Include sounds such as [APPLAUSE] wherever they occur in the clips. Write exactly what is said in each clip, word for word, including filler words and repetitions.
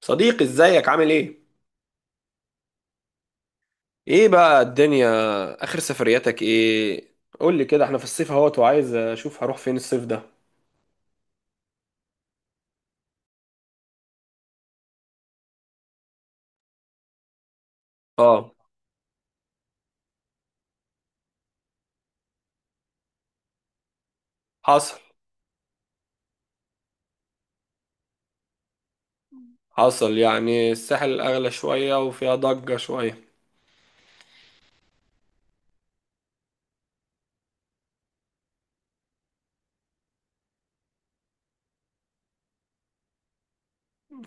صديقي، ازيك؟ عامل ايه؟ ايه بقى الدنيا؟ اخر سفرياتك ايه؟ قول لي كده، احنا في الصيف اهوت وعايز اشوف هروح فين الصيف ده. اه، حصل. حصل يعني الساحل اغلى شوية وفيها ضجة شوية.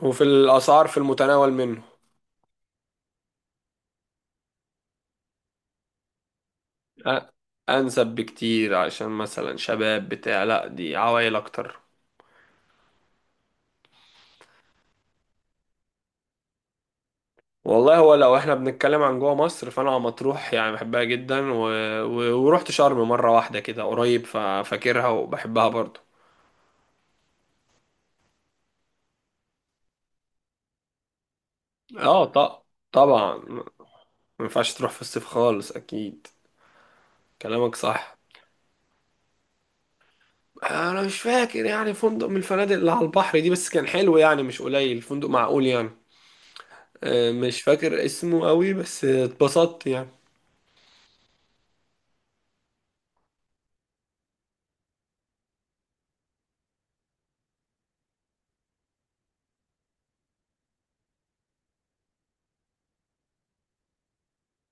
وفي الاسعار في المتناول منه. أ- انسب بكتير عشان مثلا شباب بتاع، لا دي عوائل اكتر. والله هو لو احنا بنتكلم عن جوه مصر، فانا مطروح يعني بحبها جدا و... و... ورحت شرم مرة واحدة كده قريب، ففاكرها وبحبها برضه. اه، ط- طبعا ما ينفعش تروح في الصيف خالص، اكيد. كلامك صح. انا مش فاكر يعني فندق من الفنادق اللي على البحر دي، بس كان حلو يعني، مش قليل، فندق معقول يعني. آه، مش فاكر اسمه قوي بس اتبسطت يعني.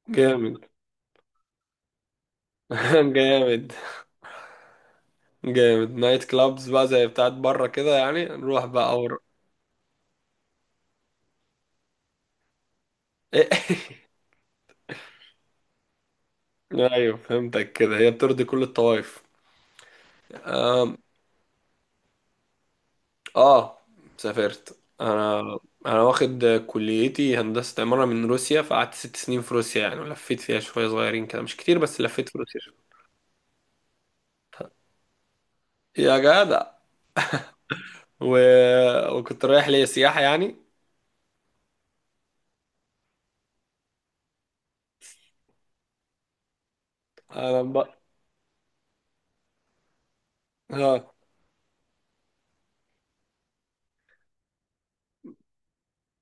جامد. [LAUGHS] جامد. جامد، نايت كلابز بقى زي بتاعت بره كده، يعني نروح بقى ور... [LAUGHS] ايوه، فهمتك كده، هي بترضي كل الطوائف. اه، سافرت انا. انا واخد كليتي هندسة عمارة من روسيا، فقعدت ست سنين في روسيا يعني، ولفيت فيها شوية صغيرين كده مش كتير، بس لفيت في روسيا شوية. يا جدع، و... وكنت رايح ليا سياحة يعني. انا ب... اه،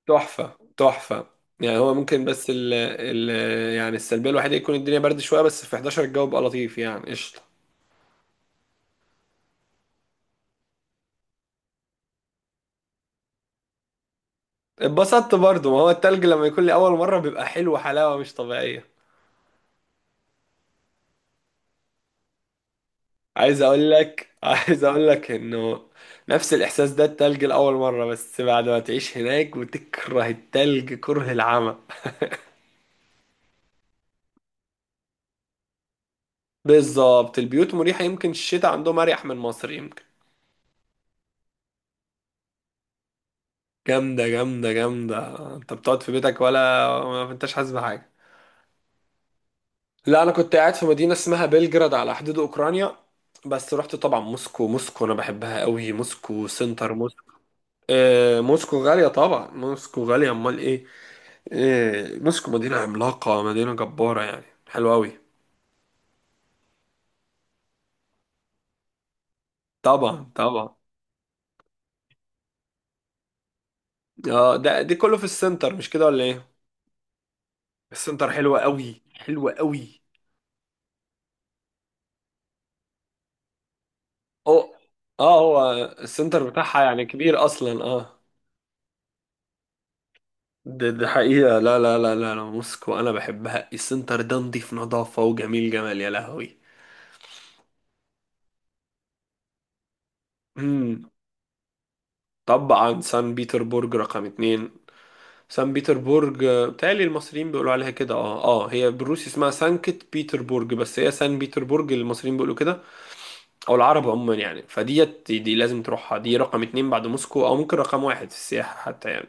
تحفة تحفة. يعني هو ممكن، بس ال... ال... يعني السلبية الوحيدة يكون الدنيا برد شوية، بس في حداشر الجو بقى لطيف يعني، قشطة. اتبسطت برضو، ما هو التلج لما يكون لي أول مرة بيبقى حلو حلاوة مش طبيعية. عايز اقول لك عايز اقول لك انه نفس الاحساس ده التلج لاول مره، بس بعد ما تعيش هناك وتكره التلج كره العمى. بالظبط، البيوت مريحه، يمكن الشتاء عندهم اريح من مصر يمكن. جامده، جامده، جامده. انت بتقعد في بيتك ولا ما انتش حاسس بحاجه؟ لا، انا كنت قاعد في مدينه اسمها بلجراد على حدود اوكرانيا. بس رحت طبعا موسكو. موسكو انا بحبها قوي، موسكو سنتر موسكو. آه، موسكو غاليه طبعا، موسكو غاليه، امال ايه. إيه، مسكوا مدينة عملاقة، مدينة جبارة يعني، حلوة أوي. طبعا، طبعا. اه، ده دي كله في السنتر، مش كده ولا ايه؟ السنتر حلوة أوي، حلوة أوي. اه، اه، هو السنتر بتاعها يعني كبير أصلا، اه. ده ده حقيقة، لا لا لا لا لا، موسكو أنا بحبها، السنتر ده نضيف نظافة، وجميل جمال، يا لهوي. امم طبعا سان بيتربورج رقم اتنين. سان بيتربورج، آه، بتهيألي المصريين بيقولوا عليها كده. اه اه هي بالروسي اسمها سانكت بيتربورج، بس هي سان بيتربورج المصريين بيقولوا كده، او العرب عموما يعني. فديت دي لازم تروحها، دي رقم اتنين بعد موسكو، او ممكن رقم واحد في السياحة حتى يعني.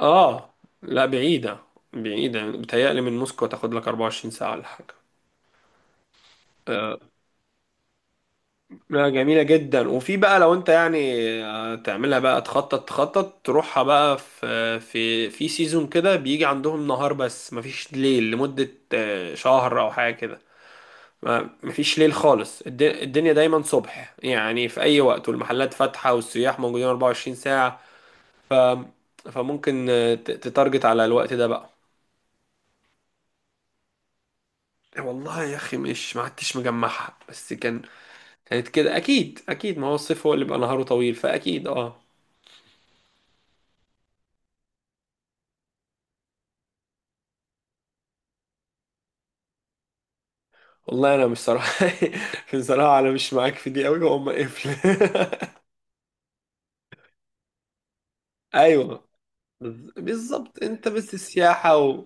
اه، لا بعيدة. بعيدة يعني. بتهيألي من موسكو تاخد لك 24 ساعة ولا حاجة. آه، لا، جميلة جدا. وفي بقى لو انت يعني آه، تعملها بقى، تخطط تخطط تروحها بقى في في في سيزون كده، بيجي عندهم نهار بس مفيش ليل لمدة آه، شهر او حاجة كده. ما- مفيش ليل خالص. الد- الدنيا دايما صبح يعني في اي وقت، والمحلات فاتحة والسياح موجودين 24 ساعة. ف فممكن آه، ت- تتارجت على الوقت ده بقى. إيه، والله يا اخي، مش ما عدتش مجمعها بس كان. كانت كده اكيد، اكيد. ما هو الصيف هو اللي بيبقى نهاره طويل، فاكيد، اه. والله انا مش صراحه. [LAUGHS] بصراحه انا مش معاك في دي قوي، وهم قفل. [LAUGHS] ايوه، بز- بالظبط. انت بس السياحه و...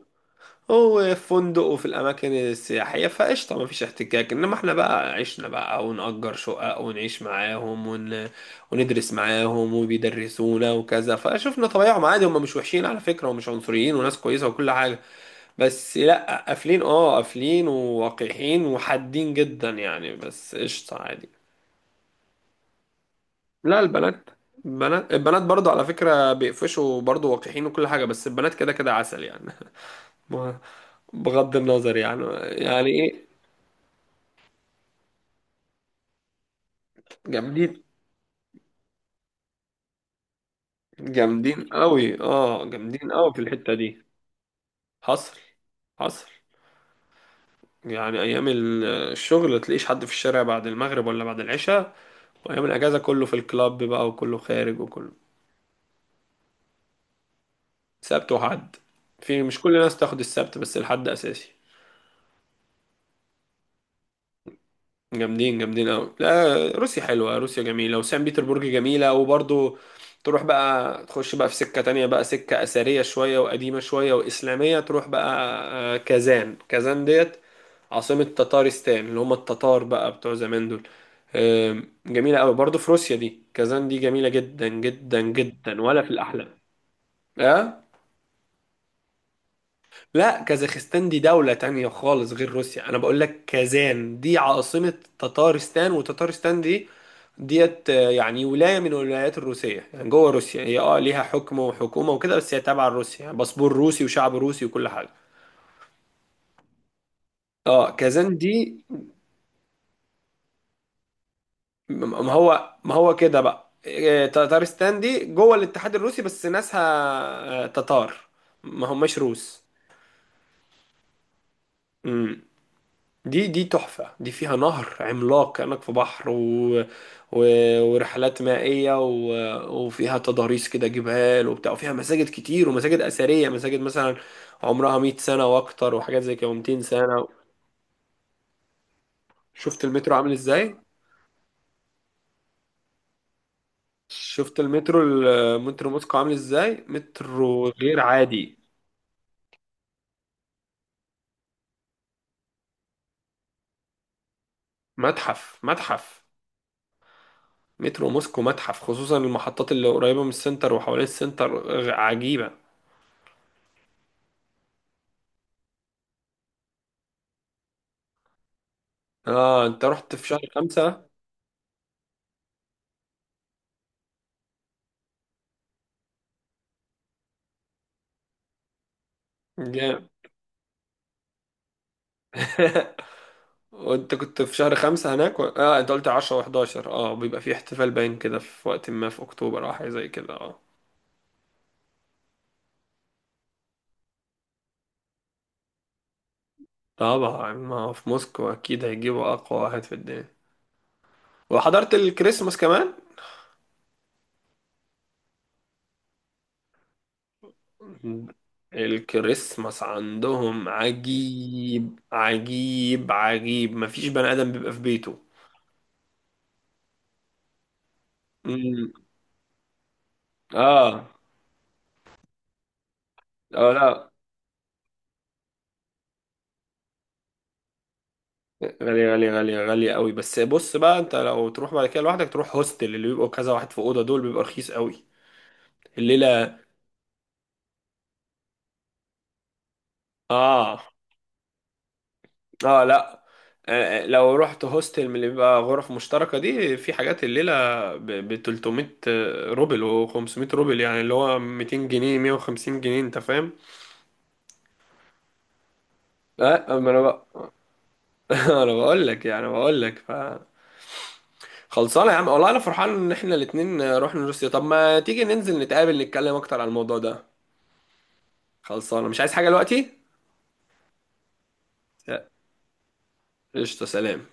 هو في فندق وفي الاماكن السياحيه، فقشطه ما فيش احتكاك. انما احنا بقى عشنا بقى، ونأجر شقق ونعيش معاهم ون... وندرس معاهم وبيدرسونا وكذا، فشفنا طبيعهم عادي. هم مش وحشين على فكره، ومش عنصريين، وناس كويسه وكل حاجه. بس لا، قافلين. اه، قافلين ووقحين وحادين جدا يعني، بس قشطه عادي. لا، البنات. البنات البنات برضه، على فكرة، بيقفشوا برضه، وقحين وكل حاجة، بس البنات كده كده عسل يعني. [LAUGHS] ما- بغض النظر يعني. يعني ايه؟ جامدين، جامدين قوي. اه، جامدين قوي في الحتة دي. حصل. حصل. يعني ايام ال- الشغل تلاقيش حد في الشارع بعد المغرب ولا بعد العشاء. وايام الاجازة كله في الكلاب بقى، وكله خارج، وكله. سبت وحد. في مش كل الناس تاخد السبت، بس الحد اساسي. جامدين، جامدين قوي. لا، روسيا حلوة. روسيا جميلة وسان بيتربورج جميلة، وبرضو تروح بقى، تخش بقى في سكة تانية بقى، سكة أثرية شوية وقديمة شوية وإسلامية، تروح بقى آه، كازان. كازان ديت عاصمة تتارستان اللي هم التتار بقى بتوع زمان دول. آم، جميلة قوي برضو في روسيا دي. كازان دي جميلة جدا جدا جدا، ولا في الأحلام. اه لا، كازاخستان دي دولة تانية خالص غير روسيا. أنا بقول لك كازان دي عاصمة تتارستان، وتتارستان دي ديت آه، يعني ولاية من الولايات الروسية يعني، جوه روسيا. هي اه ليها حكم وحكومة وكده، بس هي تابعة لروسيا يعني، باسبور روسي وشعب روسي وكل حاجة. اه، كازان دي. م- ما هو، ما هو كده بقى، آه، تتارستان دي جوه الاتحاد الروسي، بس ناسها آه، تتار، ما هماش روس. دي دي تحفة. دي فيها نهر عملاق كأنك في بحر، و... و... ورحلات مائية، و... وفيها تضاريس كده جبال وبتاع، وفيها مساجد كتير ومساجد أثرية. مساجد مثلا عمرها 100 سنة وأكتر، وحاجات زي كده، و200 سنة. شفت المترو عامل إزاي؟ شفت المترو المترو موسكو عامل إزاي؟ مترو غير عادي. متحف، متحف. مترو موسكو متحف، خصوصا المحطات اللي قريبة من السنتر وحوالين السنتر. غ- عجيبة. اه، انت رحت في شهر خمسة. [LAUGHS] وانت كنت في شهر خمسة هناك و... اه انت قلت عشرة وحداشر، اه، بيبقى في احتفال باين كده، في وقت ما في اكتوبر او حاجة زي كده، اه. طبعا، ما هو في موسكو اكيد هيجيبوا اقوى واحد في الدنيا. وحضرت الكريسماس كمان. الكريسماس عندهم عجيب عجيب عجيب، مفيش بني ادم بيبقى في بيته. امم. اه، اه، لا، غالية غالية غالية غالية قوي. بس بص بقى، انت لو تروح بعد كده لوحدك، تروح هوستل اللي بيبقوا كذا واحد في اوضه دول، بيبقى رخيص قوي الليلة. اه، اه، لا، آه، لو رحت هوستل من اللي بيبقى غرف مشتركة دي، في حاجات الليلة ب 300 روبل و500 روبل يعني، اللي هو ميتين جنيه مائة وخمسين جنيه، انت فاهم؟ لا، ما انا بقى. [LAUGHS] انا بقول لك يعني، بقول لك ف خلصانه يا عم، والله انا فرحان ان احنا الاتنين رحنا روسيا. طب ما تيجي ننزل نتقابل نتكلم اكتر عن الموضوع ده. خلصانه، مش عايز حاجه دلوقتي. لا. قشطه، سلام.